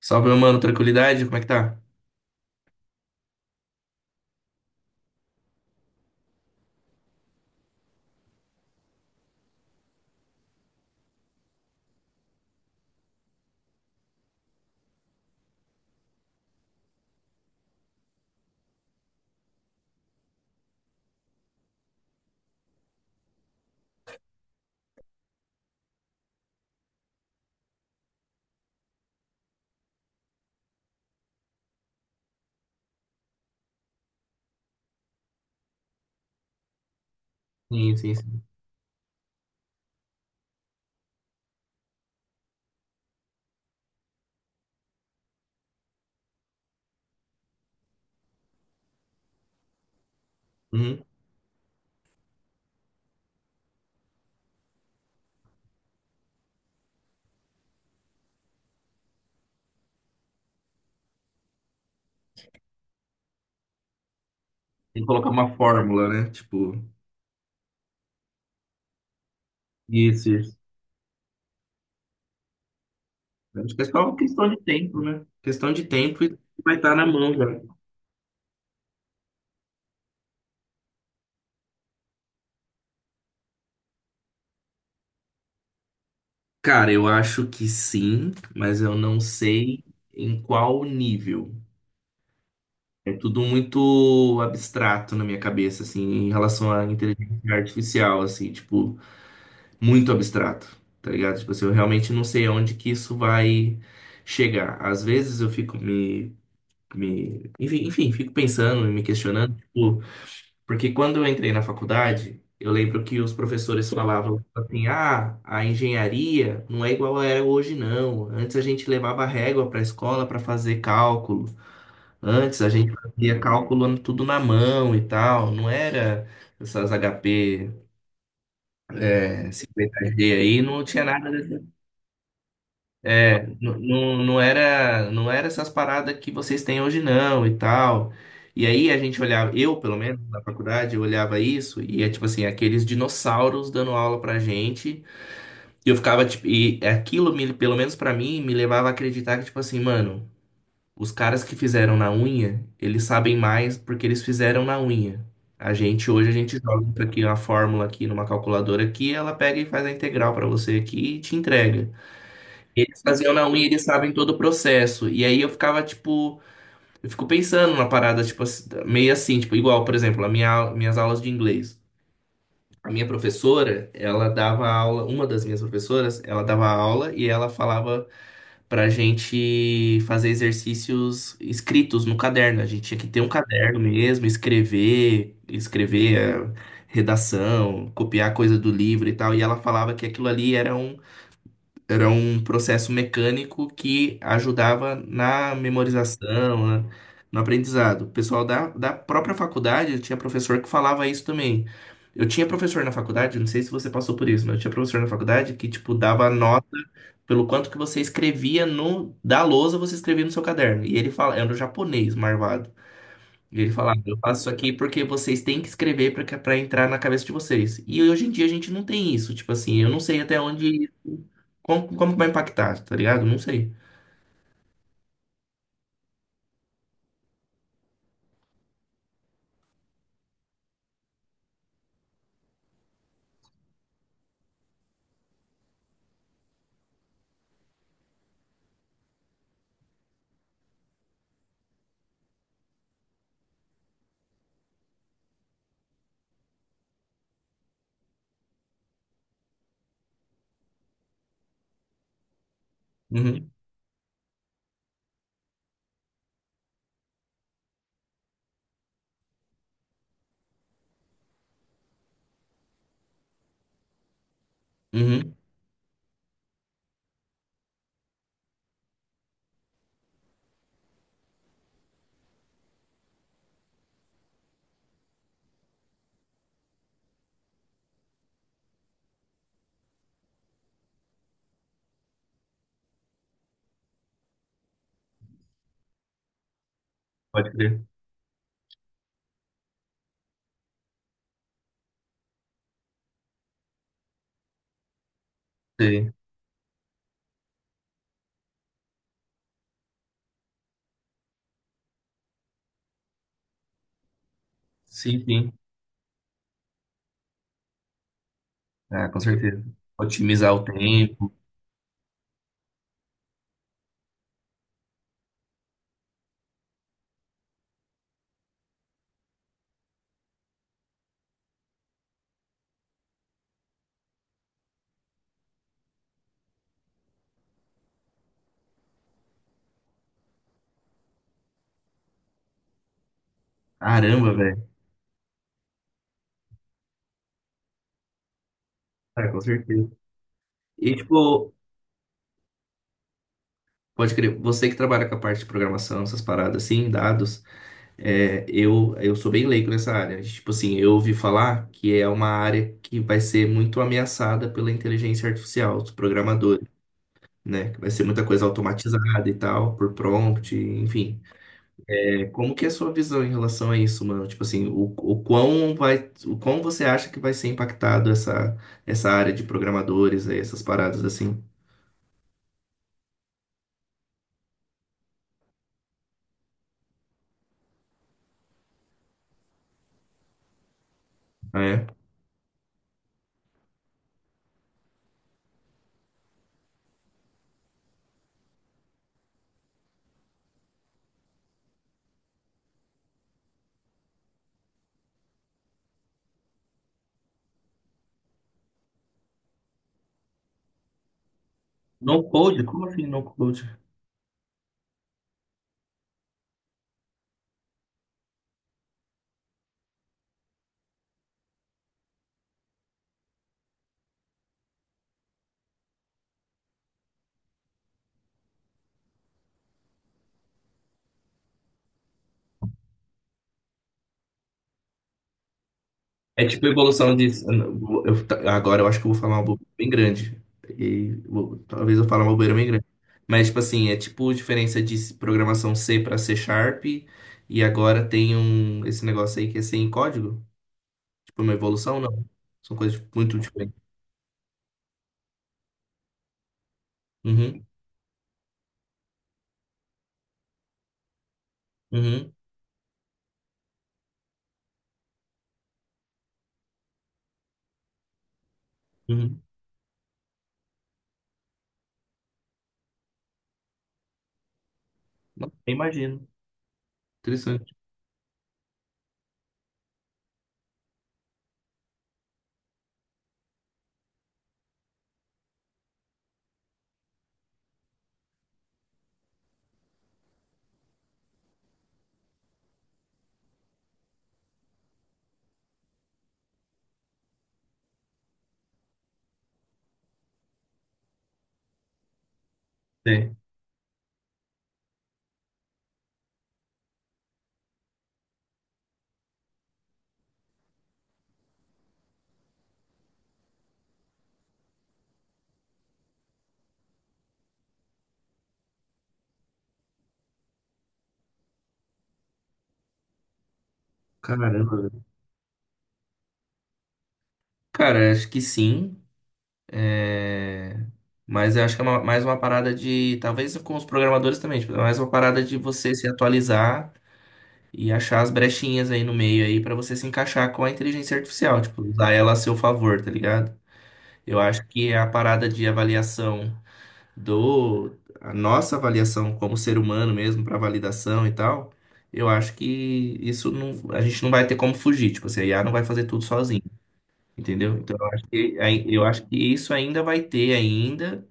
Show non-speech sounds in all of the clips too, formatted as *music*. Salve, meu mano, tranquilidade? Como é que tá? Sim, sim, sim. Uhum. Tem que colocar uma fórmula, né? Isso, isso. Acho que é só uma questão de tempo, né? Questão de tempo e vai estar na mão já. Cara, eu acho que sim, mas eu não sei em qual nível. É tudo muito abstrato na minha cabeça, assim, em relação à inteligência artificial, assim, tipo, muito abstrato, tá ligado? Tipo assim, eu realmente não sei aonde que isso vai chegar. Às vezes eu fico Enfim, fico pensando e me questionando, tipo, porque quando eu entrei na faculdade, eu lembro que os professores falavam tipo assim: ah, a engenharia não é igual é hoje, não. Antes a gente levava régua para a escola para fazer cálculo, antes a gente fazia cálculo tudo na mão e tal, não era essas HP 50G aí, não tinha nada. Não era, não era essas paradas que vocês têm hoje não e tal. E aí a gente olhava, eu pelo menos na faculdade, eu olhava isso e é tipo assim, aqueles dinossauros dando aula pra gente. E eu ficava tipo, e pelo menos pra mim me levava a acreditar que tipo assim, mano, os caras que fizeram na unha, eles sabem mais porque eles fizeram na unha. A gente hoje a gente joga aqui uma fórmula aqui numa calculadora aqui, ela pega e faz a integral pra você aqui e te entrega. Eles faziam na unha e eles sabem todo o processo. E aí eu ficava, tipo, eu fico pensando na parada, tipo, assim, meio assim, tipo, igual, por exemplo, minhas aulas de inglês. A minha professora, ela dava aula, uma das minhas professoras, ela dava aula e ela falava pra gente fazer exercícios escritos no caderno. A gente tinha que ter um caderno mesmo, escrever, escrever, redação, copiar coisa do livro e tal. E ela falava que aquilo ali era um processo mecânico que ajudava na memorização, né, no aprendizado. O pessoal da própria faculdade tinha professor que falava isso também. Eu tinha professor na faculdade, não sei se você passou por isso, mas eu tinha professor na faculdade que, tipo, dava nota pelo quanto que você escrevia no, da lousa, você escrevia no seu caderno. E ele fala, era um japonês, marvado. E ele falava, eu faço isso aqui porque vocês têm que escrever para entrar na cabeça de vocês. E hoje em dia a gente não tem isso, tipo assim, eu não sei até onde como, como vai impactar, tá ligado? Não sei. Uhum, uhum. Pode crer. Sei. Sim, sim. Ah, com certeza. Otimizar o tempo. Caramba, velho. Ah, com certeza. E tipo, pode crer, você que trabalha com a parte de programação, essas paradas assim, dados. É, eu sou bem leigo nessa área. Tipo assim, eu ouvi falar que é uma área que vai ser muito ameaçada pela inteligência artificial, os programadores, né? Que vai ser muita coisa automatizada e tal, por prompt, enfim. É, como que é a sua visão em relação a isso, mano? Tipo assim, o quão vai, o quão você acha que vai ser impactado essa, essa área de programadores aí, essas paradas assim? Ah, é. No code? Como assim no code? É tipo evolução de. Eu agora eu acho que eu vou falar uma bobeira bem grande. Talvez eu fale uma bobeira bem grande. Mas, tipo assim, é tipo diferença de programação C para C Sharp. E agora tem um, esse negócio aí que é sem código. Tipo, uma evolução, não. São coisas muito diferentes. Uhum, uhum, uhum. Não, eu imagino. Interessante. É. Caramba, velho. Cara, acho que sim. É, mas eu acho que é mais uma parada de. Talvez com os programadores também, tipo, é mais uma parada de você se atualizar e achar as brechinhas aí no meio aí pra você se encaixar com a inteligência artificial, tipo, usar ela a seu favor, tá ligado? Eu acho que a parada de avaliação do. A nossa avaliação como ser humano mesmo, pra validação e tal, eu acho que isso não. A gente não vai ter como fugir, tipo, assim, a IA não vai fazer tudo sozinho. Entendeu? Então, eu acho que, eu acho que isso ainda vai ter ainda,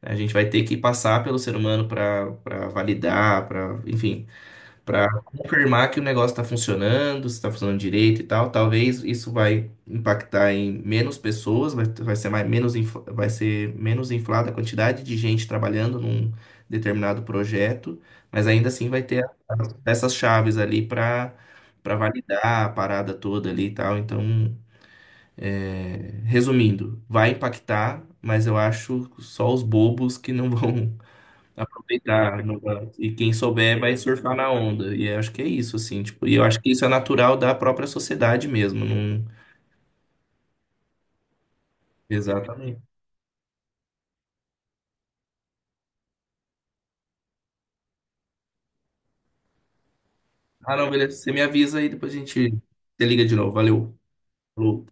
a gente vai ter que passar pelo ser humano para validar, para, enfim, para confirmar que o negócio está funcionando, se está funcionando direito e tal. Talvez isso vai impactar em menos pessoas, vai, vai ser mais, menos, vai ser menos inflada a quantidade de gente trabalhando num determinado projeto, mas ainda assim vai ter a- essas chaves ali para validar a parada toda ali e tal. Então, é, resumindo, vai impactar, mas eu acho só os bobos que não vão *laughs* aproveitar. Não vão- E quem souber vai surfar na onda. E eu acho que é isso, assim, tipo, e eu acho que isso é natural da própria sociedade mesmo. Não... Exatamente. Ah, não, beleza. Você me avisa aí, depois a gente se liga de novo. Valeu. Falou.